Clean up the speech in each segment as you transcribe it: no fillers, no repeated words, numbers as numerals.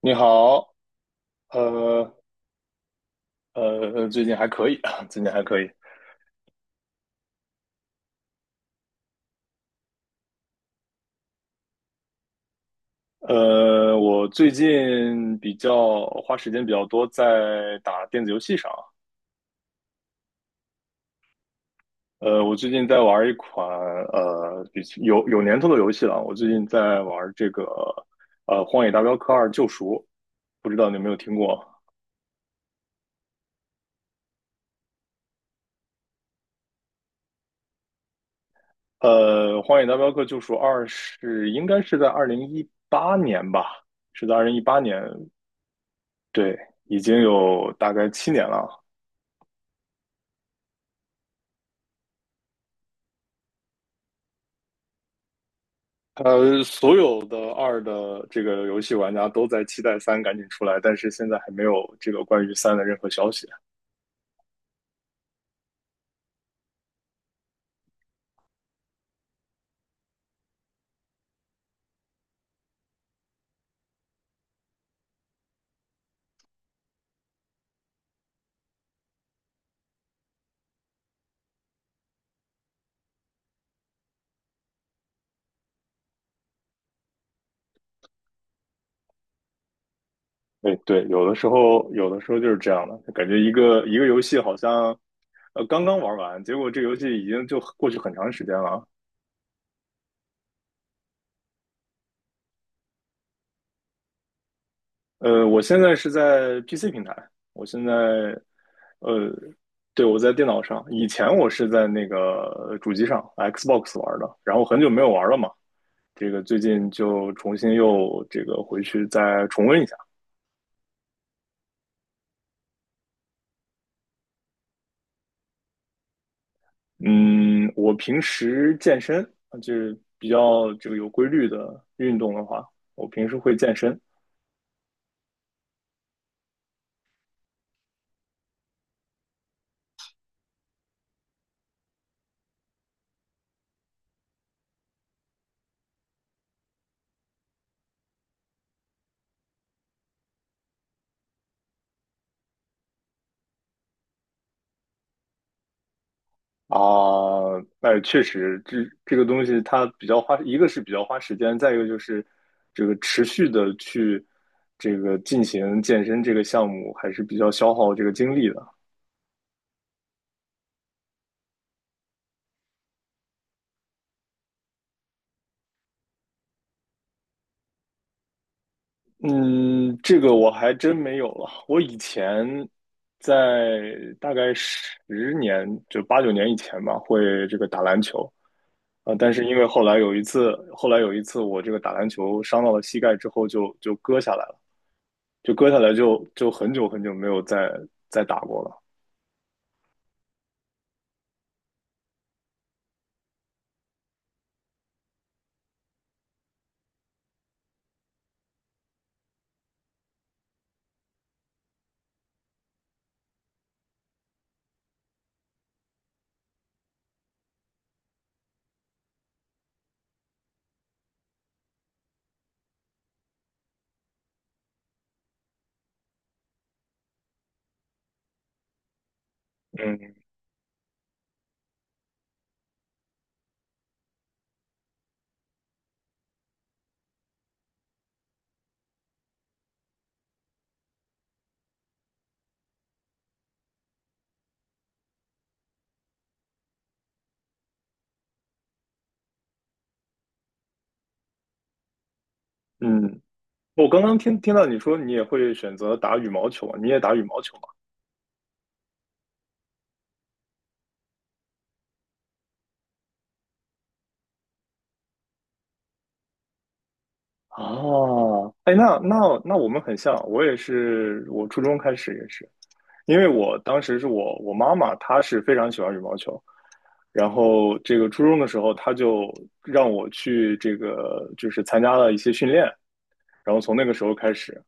你好，呃最近还可以啊，最近还可以。我最近比较花时间比较多在打电子游戏上。我最近在玩一款比有年头的游戏了。我最近在玩这个《荒野大镖客二：救赎》，不知道你有没有听过？荒野大镖客：救赎二》应该是在二零一八年吧，是在二零一八年，对，已经有大概7年了。所有的二的这个游戏玩家都在期待三赶紧出来，但是现在还没有这个关于三的任何消息。对对，有的时候就是这样的，感觉一个一个游戏好像刚刚玩完，结果这游戏已经就过去很长时间了。我现在是在 PC 平台，我现在呃对，我在电脑上，以前我是在那个主机上 Xbox 玩的，然后很久没有玩了嘛，这个最近就重新又这个回去再重温一下。嗯，我平时健身就是比较这个有规律的运动的话，我平时会健身啊。那确实，这个东西它比较花，一个是比较花时间，再一个就是这个持续的去这个进行健身这个项目还是比较消耗这个精力的。嗯，这个我还真没有了。我以前在大概10年，就8、9年以前吧，会这个打篮球啊，但是因为后来有一次我这个打篮球伤到了膝盖之后就割下来了，就割下来就很久很久没有再打过了。嗯嗯，我刚刚听到你说你也会选择打羽毛球啊，你也打羽毛球吗？哦，哎，那我们很像，我也是，我初中开始也是。因为我当时是我妈妈，她是非常喜欢羽毛球，然后这个初中的时候，她就让我去这个就是参加了一些训练，然后从那个时候开始，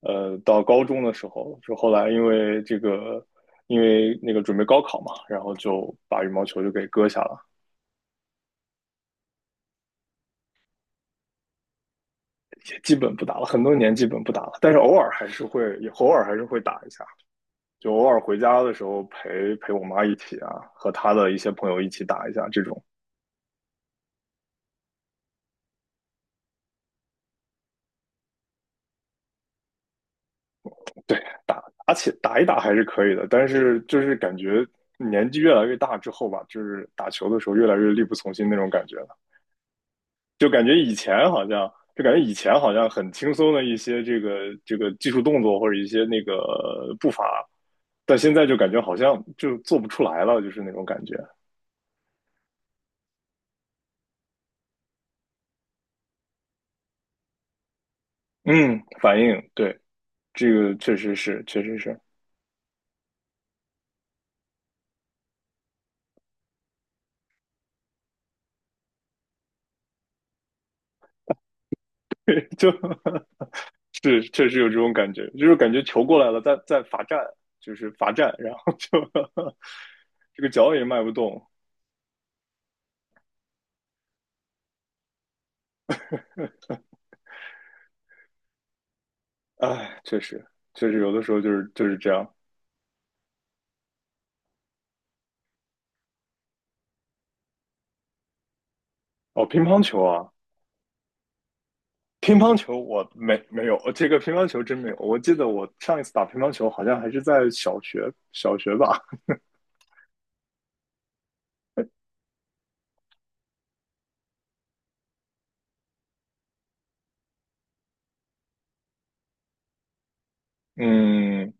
到高中的时候，就后来因为那个准备高考嘛，然后就把羽毛球就给搁下了，也基本不打了，很多年基本不打了，但是偶尔还是会打一下，就偶尔回家的时候陪陪我妈一起啊，和她的一些朋友一起打一下这种。对，打，而且打一打还是可以的，但是就是感觉年纪越来越大之后吧，就是打球的时候越来越力不从心那种感觉了，就感觉以前好像很轻松的一些这个技术动作或者一些那个步伐，但现在就感觉好像就做不出来了，就是那种感觉。嗯，反应，对，这个确实是，确实是，就 是确实有这种感觉，就是感觉球过来了，在罚站，就是罚站，然后就 这个脚也迈不动。哎，确实有的时候就是这样。哦，乒乓球啊，乒乓球我没有，这个乒乓球真没有。我记得我上一次打乒乓球好像还是在小学，小学吧。嗯，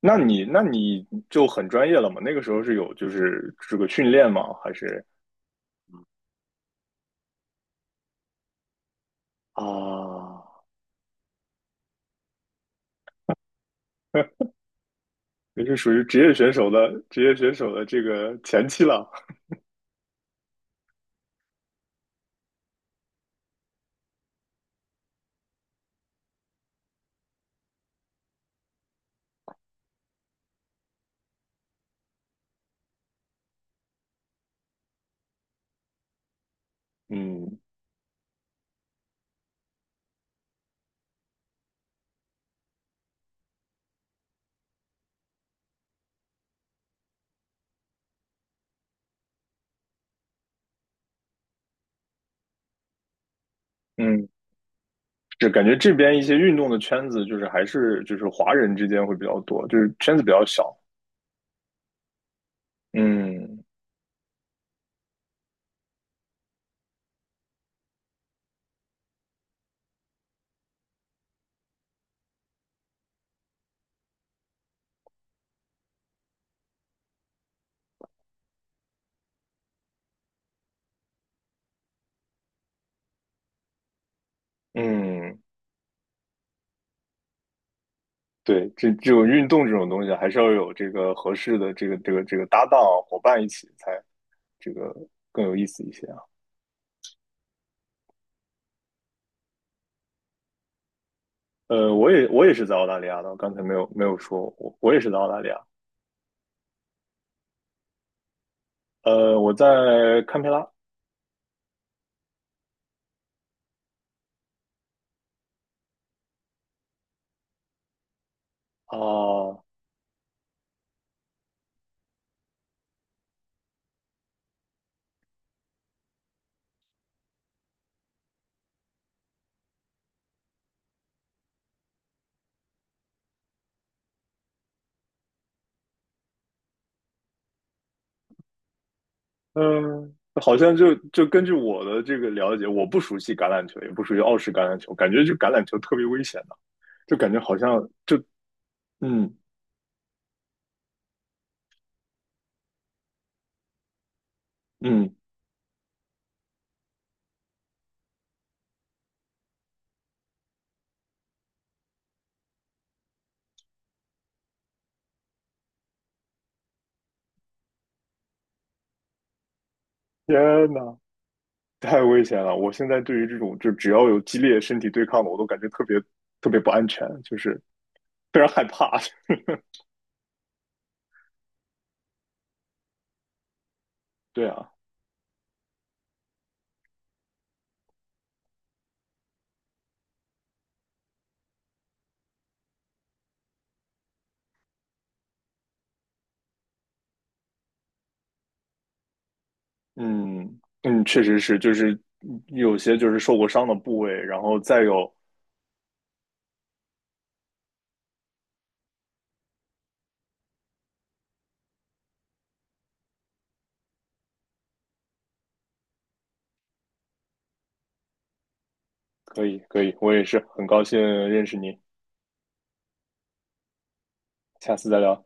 那你就很专业了嘛？那个时候是有就是这个训练吗？还是啊，也是属于职业选手的这个前期了。嗯嗯，就感觉这边一些运动的圈子，就是还是就是华人之间会比较多，就是圈子比较小。嗯嗯，对，这种运动这种东西，还是要有这个合适的这个搭档啊伙伴一起，才这个更有意思一些啊。我也是在澳大利亚的，我刚才没有说，我也是在澳大利亚。我在堪培拉啊，嗯。好像就根据我的这个了解，我不熟悉橄榄球，也不熟悉澳式橄榄球，感觉就橄榄球特别危险。就感觉好像，嗯嗯，天呐，太危险了！我现在对于这种就只要有激烈身体对抗的，我都感觉特别特别不安全，就是非常害怕。对啊，嗯嗯，确实是，就是有些就是受过伤的部位，然后再有，可以可以，我也是很高兴认识你，下次再聊。